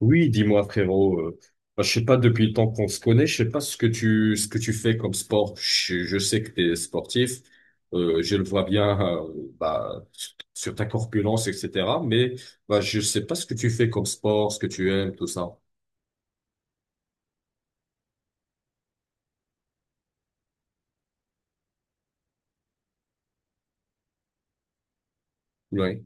Oui, dis-moi frérot, je sais pas depuis le temps qu'on se connaît, je sais pas ce que tu fais comme sport. Je sais que tu es sportif, je le vois bien sur ta corpulence, etc. Mais bah, je sais pas ce que tu fais comme sport, ce que tu aimes, tout ça. Ouais.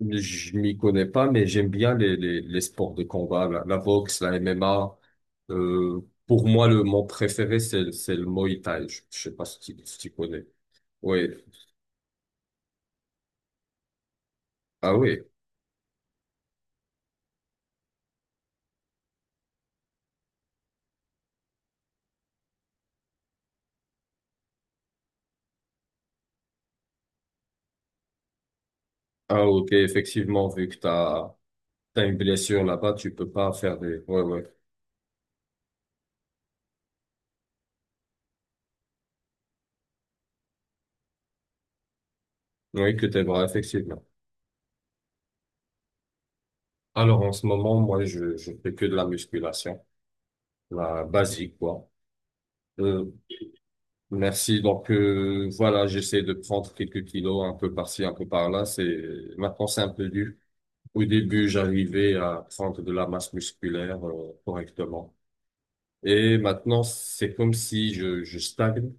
Je m'y connais pas, mais j'aime bien les sports de combat, la boxe, la MMA. Euh, pour moi, le mon préféré, c'est le Muay Thai. Je sais pas si tu connais. Oui. Ah oui. Ah, ok, effectivement, vu que t'as une blessure là-bas, tu peux pas faire des, ouais, ouais. Oui, que tes bras, effectivement. Alors, en ce moment, moi, je fais que de la musculation, la basique, quoi. Euh, merci. Donc, voilà, j'essaie de prendre quelques kilos, un peu par-ci, un peu par-là. Maintenant, c'est un peu dur. Au début, j'arrivais à prendre de la masse musculaire, correctement. Et maintenant, c'est comme si je stagne.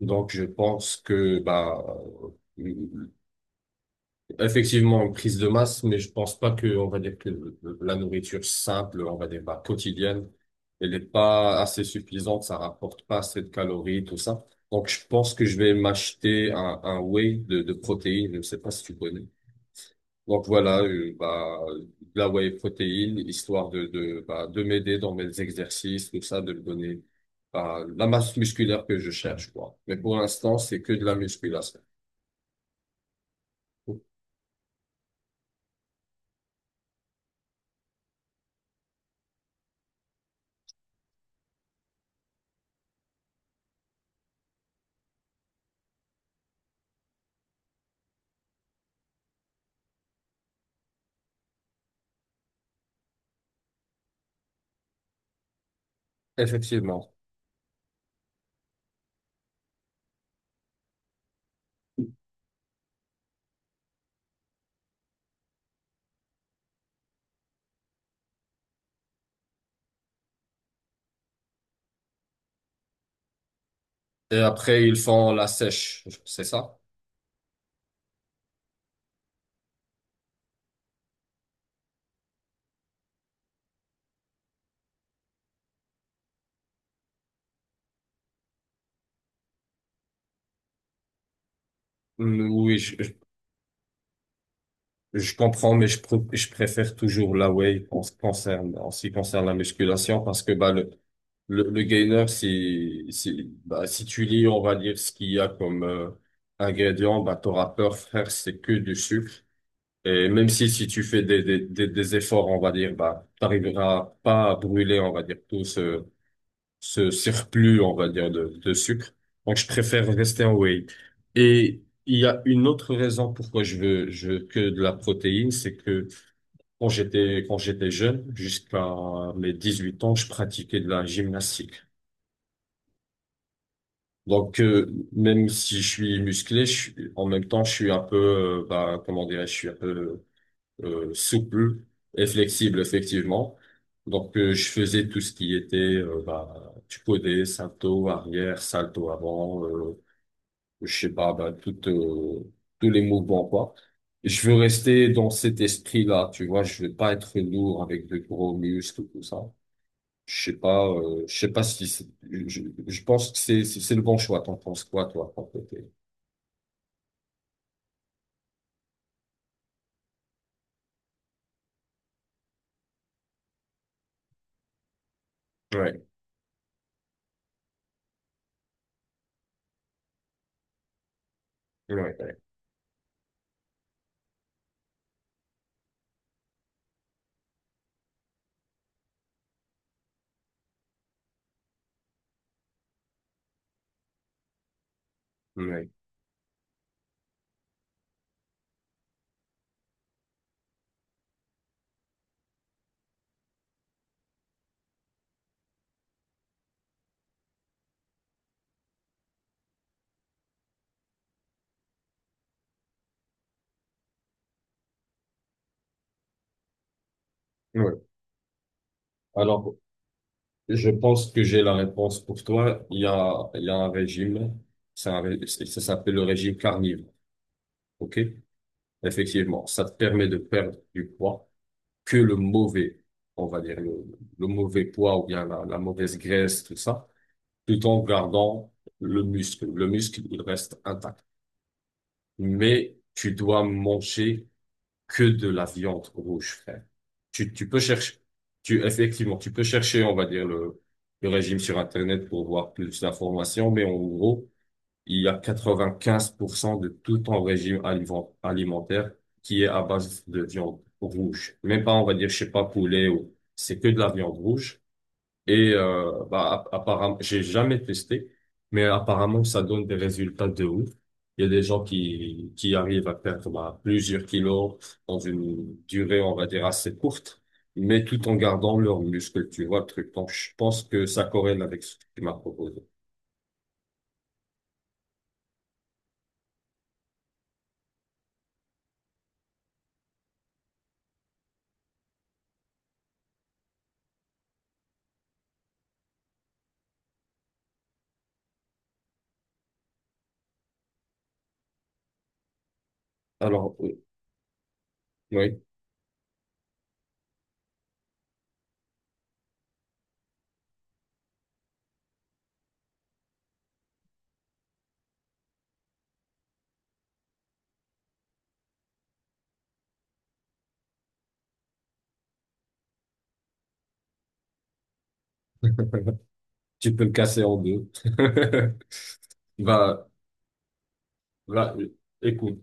Donc, je pense que, bah, effectivement, une prise de masse, mais je pense pas que, on va dire que la nourriture simple, on va dire, bah, quotidienne, elle est pas assez suffisante, ça rapporte pas assez de calories, tout ça. Donc, je pense que je vais m'acheter un whey de protéines, je ne sais pas si tu connais. Donc voilà, de la whey protéine, histoire de m'aider dans mes exercices, tout ça, de me donner bah, la masse musculaire que je cherche, quoi. Mais pour l'instant, c'est que de la musculation. Effectivement. Et après, ils font la sèche, c'est ça? Mm, oui, je comprends, mais je préfère toujours la whey en ce qui concerne, en ce qui concerne la musculation parce que le gainer, bah, si tu lis, on va dire ce qu'il y a comme ingrédients, bah, t'auras peur, frère, c'est que du sucre. Et même si, si tu fais des efforts, on va dire, bah, t'arriveras pas à brûler, on va dire, ce surplus, on va dire, de sucre. Donc, je préfère rester en whey. Et il y a une autre raison pourquoi je veux que de la protéine, c'est que quand j'étais jeune, jusqu'à mes 18 ans, je pratiquais de la gymnastique. Donc, même si je suis musclé, en même temps, je suis un peu, comment dirais-je, je suis un peu souple et flexible, effectivement. Donc, je faisais tout ce qui était, tu connais, salto arrière, salto avant, je sais pas, tous les mouvements, quoi. Je veux rester dans cet esprit-là, tu vois, je veux pas être lourd avec de gros muscles, tout ça. Je sais pas si c'est- je, je pense que c'est le bon choix. T'en penses quoi, toi, pour côté? Ouais, ouais, ouais, ouais. Alors, je pense que j'ai la réponse pour toi. Il y a un régime, c'est un ré- c'est- ça s'appelle le régime carnivore. OK? Effectivement, ça te permet de perdre du poids que le mauvais, on va dire le mauvais poids ou bien la mauvaise graisse, tout ça, tout en gardant le muscle. Le muscle, il reste intact. Mais tu dois manger que de la viande rouge, frère. Tu peux chercher, tu, effectivement, tu peux chercher, on va dire, le régime sur Internet pour voir plus d'informations, mais en gros, il y a 95% de tout ton régime alimentaire qui est à base de viande rouge. Même pas, on va dire, je sais pas, poulet ou, c'est que de la viande rouge. Et apparemment, j'ai jamais testé, mais apparemment, ça donne des résultats de ouf. Il y a des gens qui arrivent à perdre bah, plusieurs kilos dans une durée, on va dire, assez courte, mais tout en gardant leurs muscles, tu vois, le truc. Donc, je pense que ça corrèle avec ce que tu m'as proposé. Alors, oui, tu peux me casser en deux. Bah, là écoute.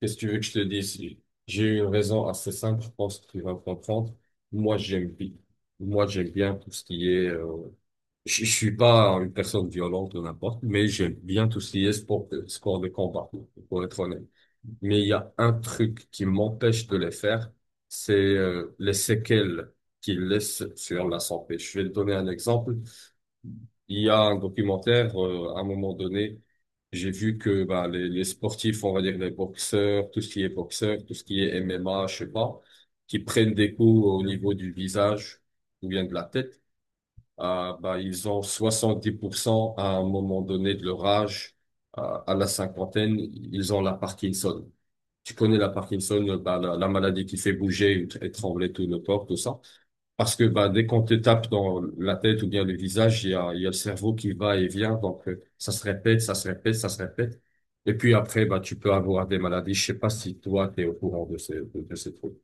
Qu'est-ce que tu veux que je te dise? J'ai une raison assez simple, je pense que tu vas comprendre. Moi, j'aime bien. Moi, j'aime bien tout ce qui est... je suis pas une personne violente ou n'importe, mais j'aime bien tout ce qui est sport de combat, pour être honnête. Mais il y a un truc qui m'empêche de les faire, c'est les séquelles qu'ils laissent sur la santé. Je vais te donner un exemple. Il y a un documentaire, à un moment donné, j'ai vu que bah, les sportifs, on va dire les boxeurs, tout ce qui est boxeur, tout ce qui est MMA, je sais pas, qui prennent des coups au niveau du visage ou bien de la tête, ah, bah, ils ont 70% à un moment donné de leur âge, ah, à la cinquantaine, ils ont la Parkinson. Tu connais la Parkinson, bah, la maladie qui fait bouger et trembler tout le corps, tout ça. Parce que bah, dès qu'on te tape dans la tête ou bien le visage, il y a le cerveau qui va et vient. Donc, ça se répète, ça se répète, ça se répète. Et puis après, bah, tu peux avoir des maladies. Je sais pas si toi, tu es au courant de de ces trucs.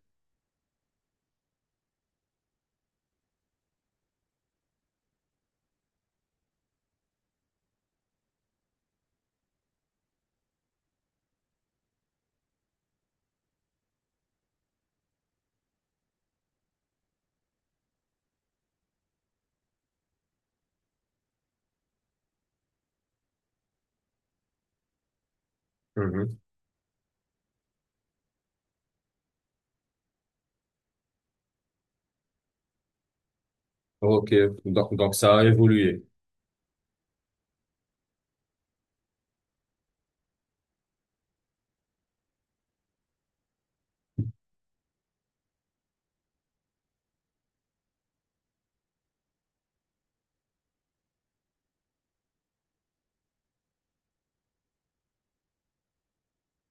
Mhm. Ok, donc ça a évolué.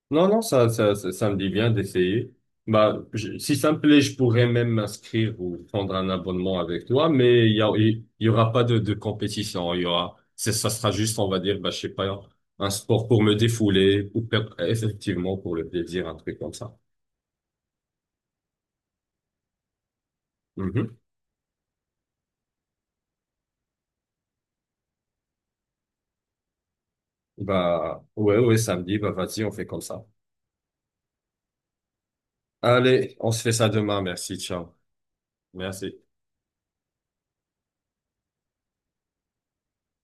Non, non, ça me dit bien d'essayer. Si ça me plaît, je pourrais même m'inscrire ou prendre un abonnement avec toi, mais il y aura pas de compétition. Il y aura, c'est- Ça sera juste, on va dire, bah, je sais pas, un sport pour me défouler ou effectivement pour le plaisir, un truc comme ça. Mhm. Bah, ouais, ouais, samedi, bah, vas-y, on fait comme ça. Allez, on se fait ça demain. Merci, ciao. Merci.